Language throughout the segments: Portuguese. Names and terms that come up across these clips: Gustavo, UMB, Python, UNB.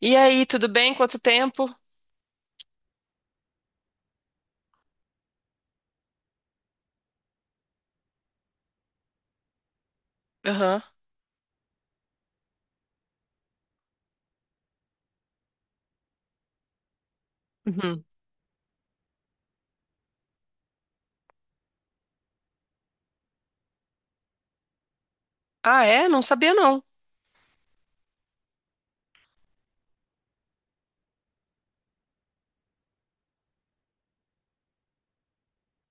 E aí, tudo bem? Quanto tempo? Aham. Uhum. Ah, é? Não sabia, não.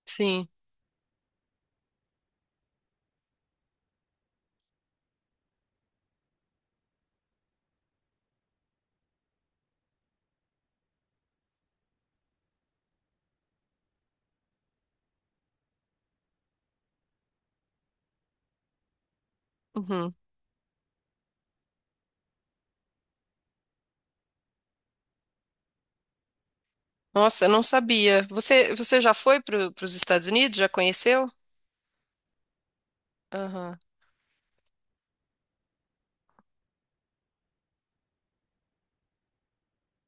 Sim. Uhum. Nossa, eu não sabia. Você já foi para os Estados Unidos? Já conheceu? Aham.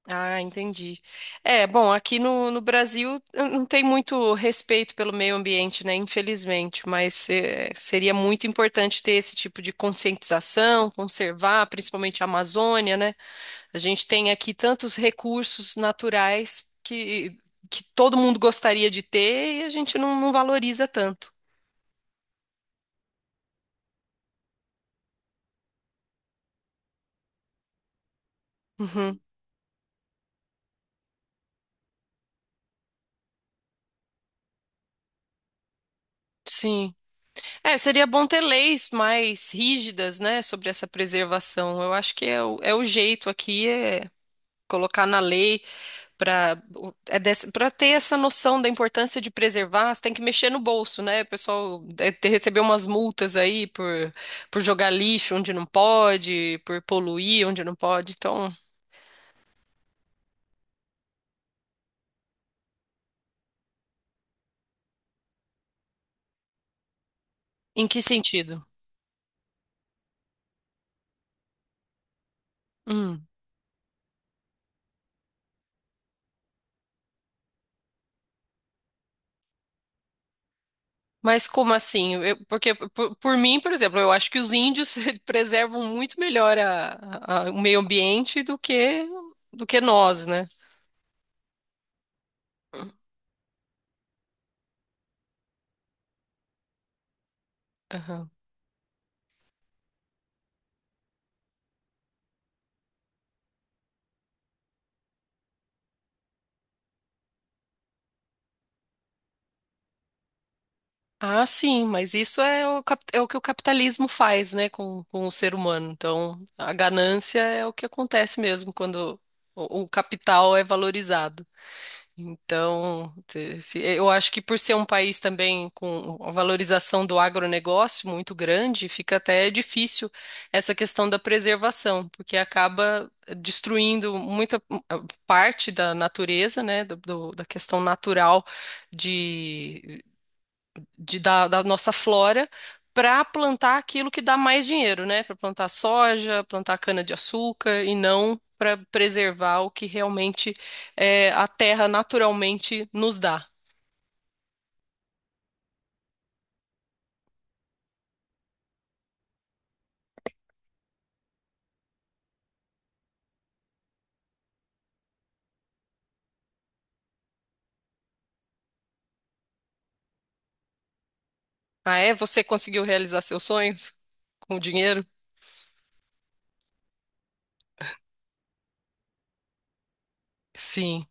Ah, entendi. É, bom, aqui no Brasil não tem muito respeito pelo meio ambiente, né? Infelizmente, mas seria muito importante ter esse tipo de conscientização, conservar, principalmente a Amazônia, né? A gente tem aqui tantos recursos naturais que todo mundo gostaria de ter e a gente não valoriza tanto. Uhum, sim. É, seria bom ter leis mais rígidas, né, sobre essa preservação. Eu acho que é é o jeito aqui, é colocar na lei para é para ter essa noção da importância de preservar, você tem que mexer no bolso, né? O pessoal recebeu umas multas aí por jogar lixo onde não pode, por poluir onde não pode. Então, em que sentido? Hum. Mas como assim? Porque, por mim, por exemplo, eu acho que os índios preservam muito melhor o meio ambiente do que nós, né? Aham. Ah, sim, mas isso é é o que o capitalismo faz, né, com o ser humano. Então, a ganância é o que acontece mesmo quando o capital é valorizado. Então, eu acho que por ser um país também com a valorização do agronegócio muito grande, fica até difícil essa questão da preservação, porque acaba destruindo muita parte da natureza, né, da questão natural da, da nossa flora para plantar aquilo que dá mais dinheiro, né? Para plantar soja, plantar cana-de-açúcar e não para preservar o que realmente a terra naturalmente nos dá. Ah, é? Você conseguiu realizar seus sonhos com o dinheiro? Sim.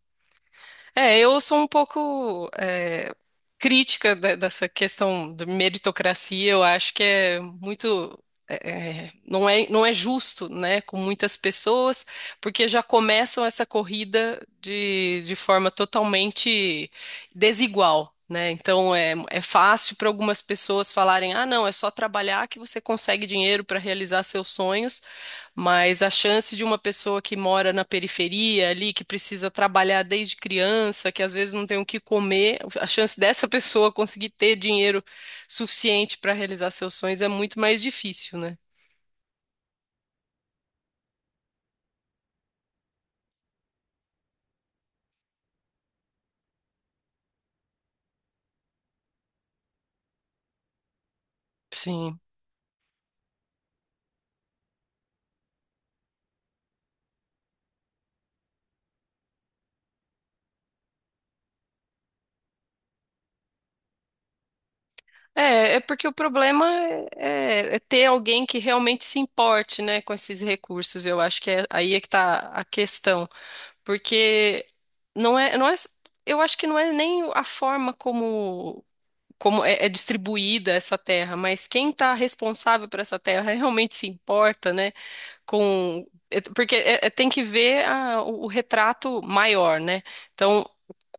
É, eu sou um pouco crítica dessa questão da meritocracia. Eu acho que é muito. é, não é, não é justo, né, com muitas pessoas, porque já começam essa corrida de forma totalmente desigual, né? Então é, é fácil para algumas pessoas falarem: ah, não, é só trabalhar que você consegue dinheiro para realizar seus sonhos. Mas a chance de uma pessoa que mora na periferia ali, que precisa trabalhar desde criança, que às vezes não tem o que comer, a chance dessa pessoa conseguir ter dinheiro suficiente para realizar seus sonhos é muito mais difícil, né? Sim. É, é porque o problema é, é ter alguém que realmente se importe, né, com esses recursos. Eu acho que é, aí é que tá a questão. Porque não é, não é, eu acho que não é nem a forma como é, é distribuída essa terra, mas quem está responsável por essa terra realmente se importa, né? Com porque tem que ver o retrato maior, né? Então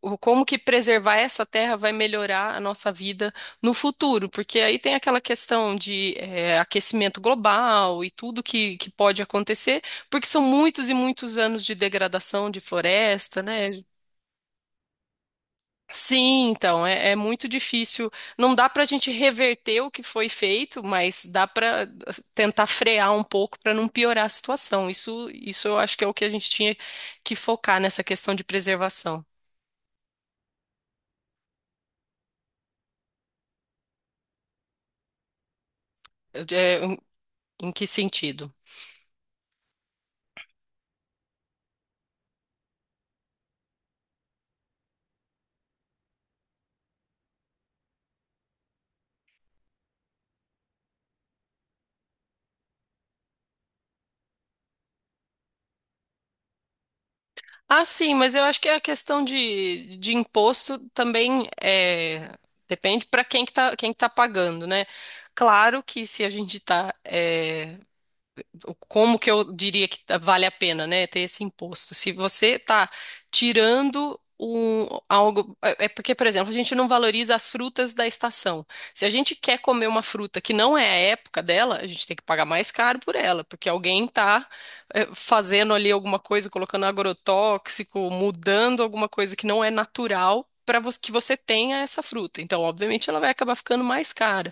como que preservar essa terra vai melhorar a nossa vida no futuro? Porque aí tem aquela questão de aquecimento global e tudo que pode acontecer, porque são muitos e muitos anos de degradação de floresta, né? Sim, então, é, é muito difícil. Não dá para a gente reverter o que foi feito, mas dá para tentar frear um pouco para não piorar a situação. Isso eu acho que é o que a gente tinha que focar nessa questão de preservação. É, em que sentido? Ah, sim, mas eu acho que a questão de imposto também é, depende para quem que tá pagando, né? Claro que se a gente está como que eu diria que vale a pena, né, ter esse imposto. Se você está tirando um, algo, é porque, por exemplo, a gente não valoriza as frutas da estação. Se a gente quer comer uma fruta que não é a época dela, a gente tem que pagar mais caro por ela, porque alguém está fazendo ali alguma coisa, colocando agrotóxico, mudando alguma coisa que não é natural para que você tenha essa fruta. Então, obviamente, ela vai acabar ficando mais cara.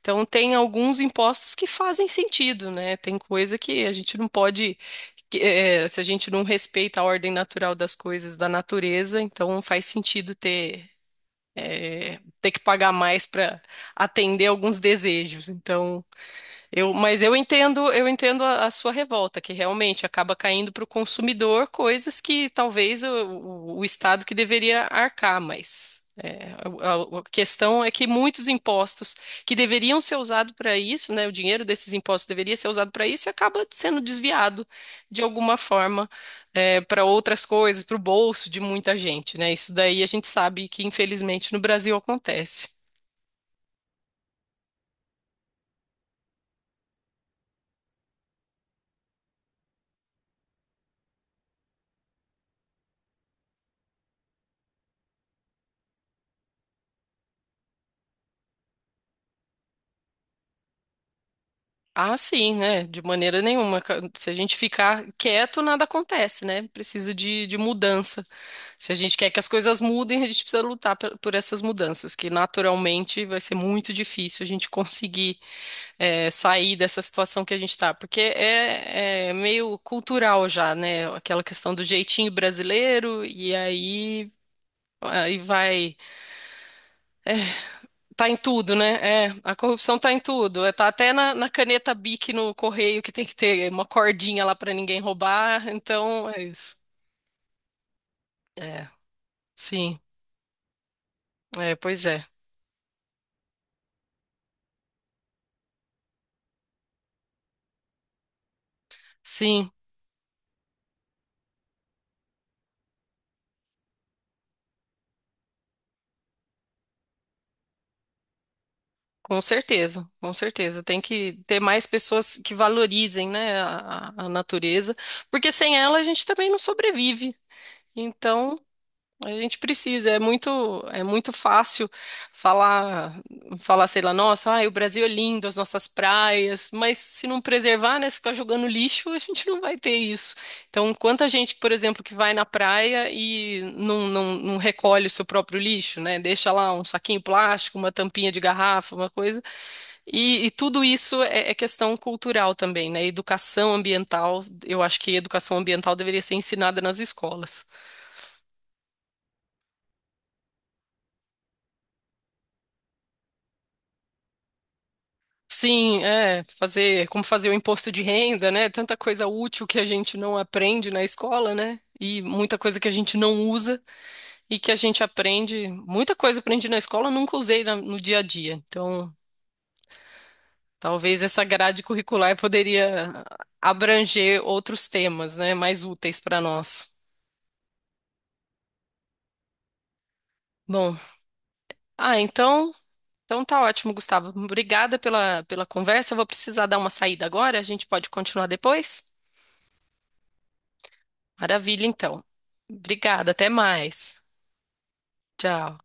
Então, tem alguns impostos que fazem sentido, né? Tem coisa que a gente não pode, que, se a gente não respeita a ordem natural das coisas, da natureza, então faz sentido ter, ter que pagar mais para atender alguns desejos. Então, mas eu entendo a sua revolta, que realmente acaba caindo para o consumidor coisas que talvez o Estado que deveria arcar, mas é, a, a questão é que muitos impostos que deveriam ser usados para isso, né, o dinheiro desses impostos deveria ser usado para isso, e acaba sendo desviado de alguma forma para outras coisas, para o bolso de muita gente, né? Isso daí a gente sabe que infelizmente no Brasil acontece. Ah, sim, né? De maneira nenhuma. Se a gente ficar quieto, nada acontece, né? Precisa de mudança. Se a gente quer que as coisas mudem, a gente precisa lutar por essas mudanças, que naturalmente vai ser muito difícil a gente conseguir sair dessa situação que a gente está, porque é, é meio cultural já, né? Aquela questão do jeitinho brasileiro, e aí, aí vai. Tá em tudo, né? É, a corrupção tá em tudo. Tá até na caneta Bic no correio que tem que ter uma cordinha lá pra ninguém roubar. Então, é isso. É, sim. É, pois é. Sim, com certeza, com certeza. Tem que ter mais pessoas que valorizem, né, a natureza, porque sem ela a gente também não sobrevive. Então, a gente precisa, é muito fácil falar, falar, sei lá, nossa, ai, o Brasil é lindo, as nossas praias, mas se não preservar, né, se ficar jogando lixo, a gente não vai ter isso. Então, quanta gente, por exemplo, que vai na praia e não recolhe o seu próprio lixo, né, deixa lá um saquinho plástico, uma tampinha de garrafa, uma coisa, e tudo isso é, é questão cultural também, né, educação ambiental. Eu acho que educação ambiental deveria ser ensinada nas escolas. Sim, é, fazer, como fazer o imposto de renda, né? Tanta coisa útil que a gente não aprende na escola, né? E muita coisa que a gente não usa e que a gente aprende, muita coisa aprendi na escola, eu nunca usei no dia a dia. Então, talvez essa grade curricular poderia abranger outros temas, né, mais úteis para nós. Bom, ah, então, então tá ótimo, Gustavo. Obrigada pela pela conversa. Eu vou precisar dar uma saída agora, a gente pode continuar depois? Maravilha, então. Obrigada, até mais. Tchau.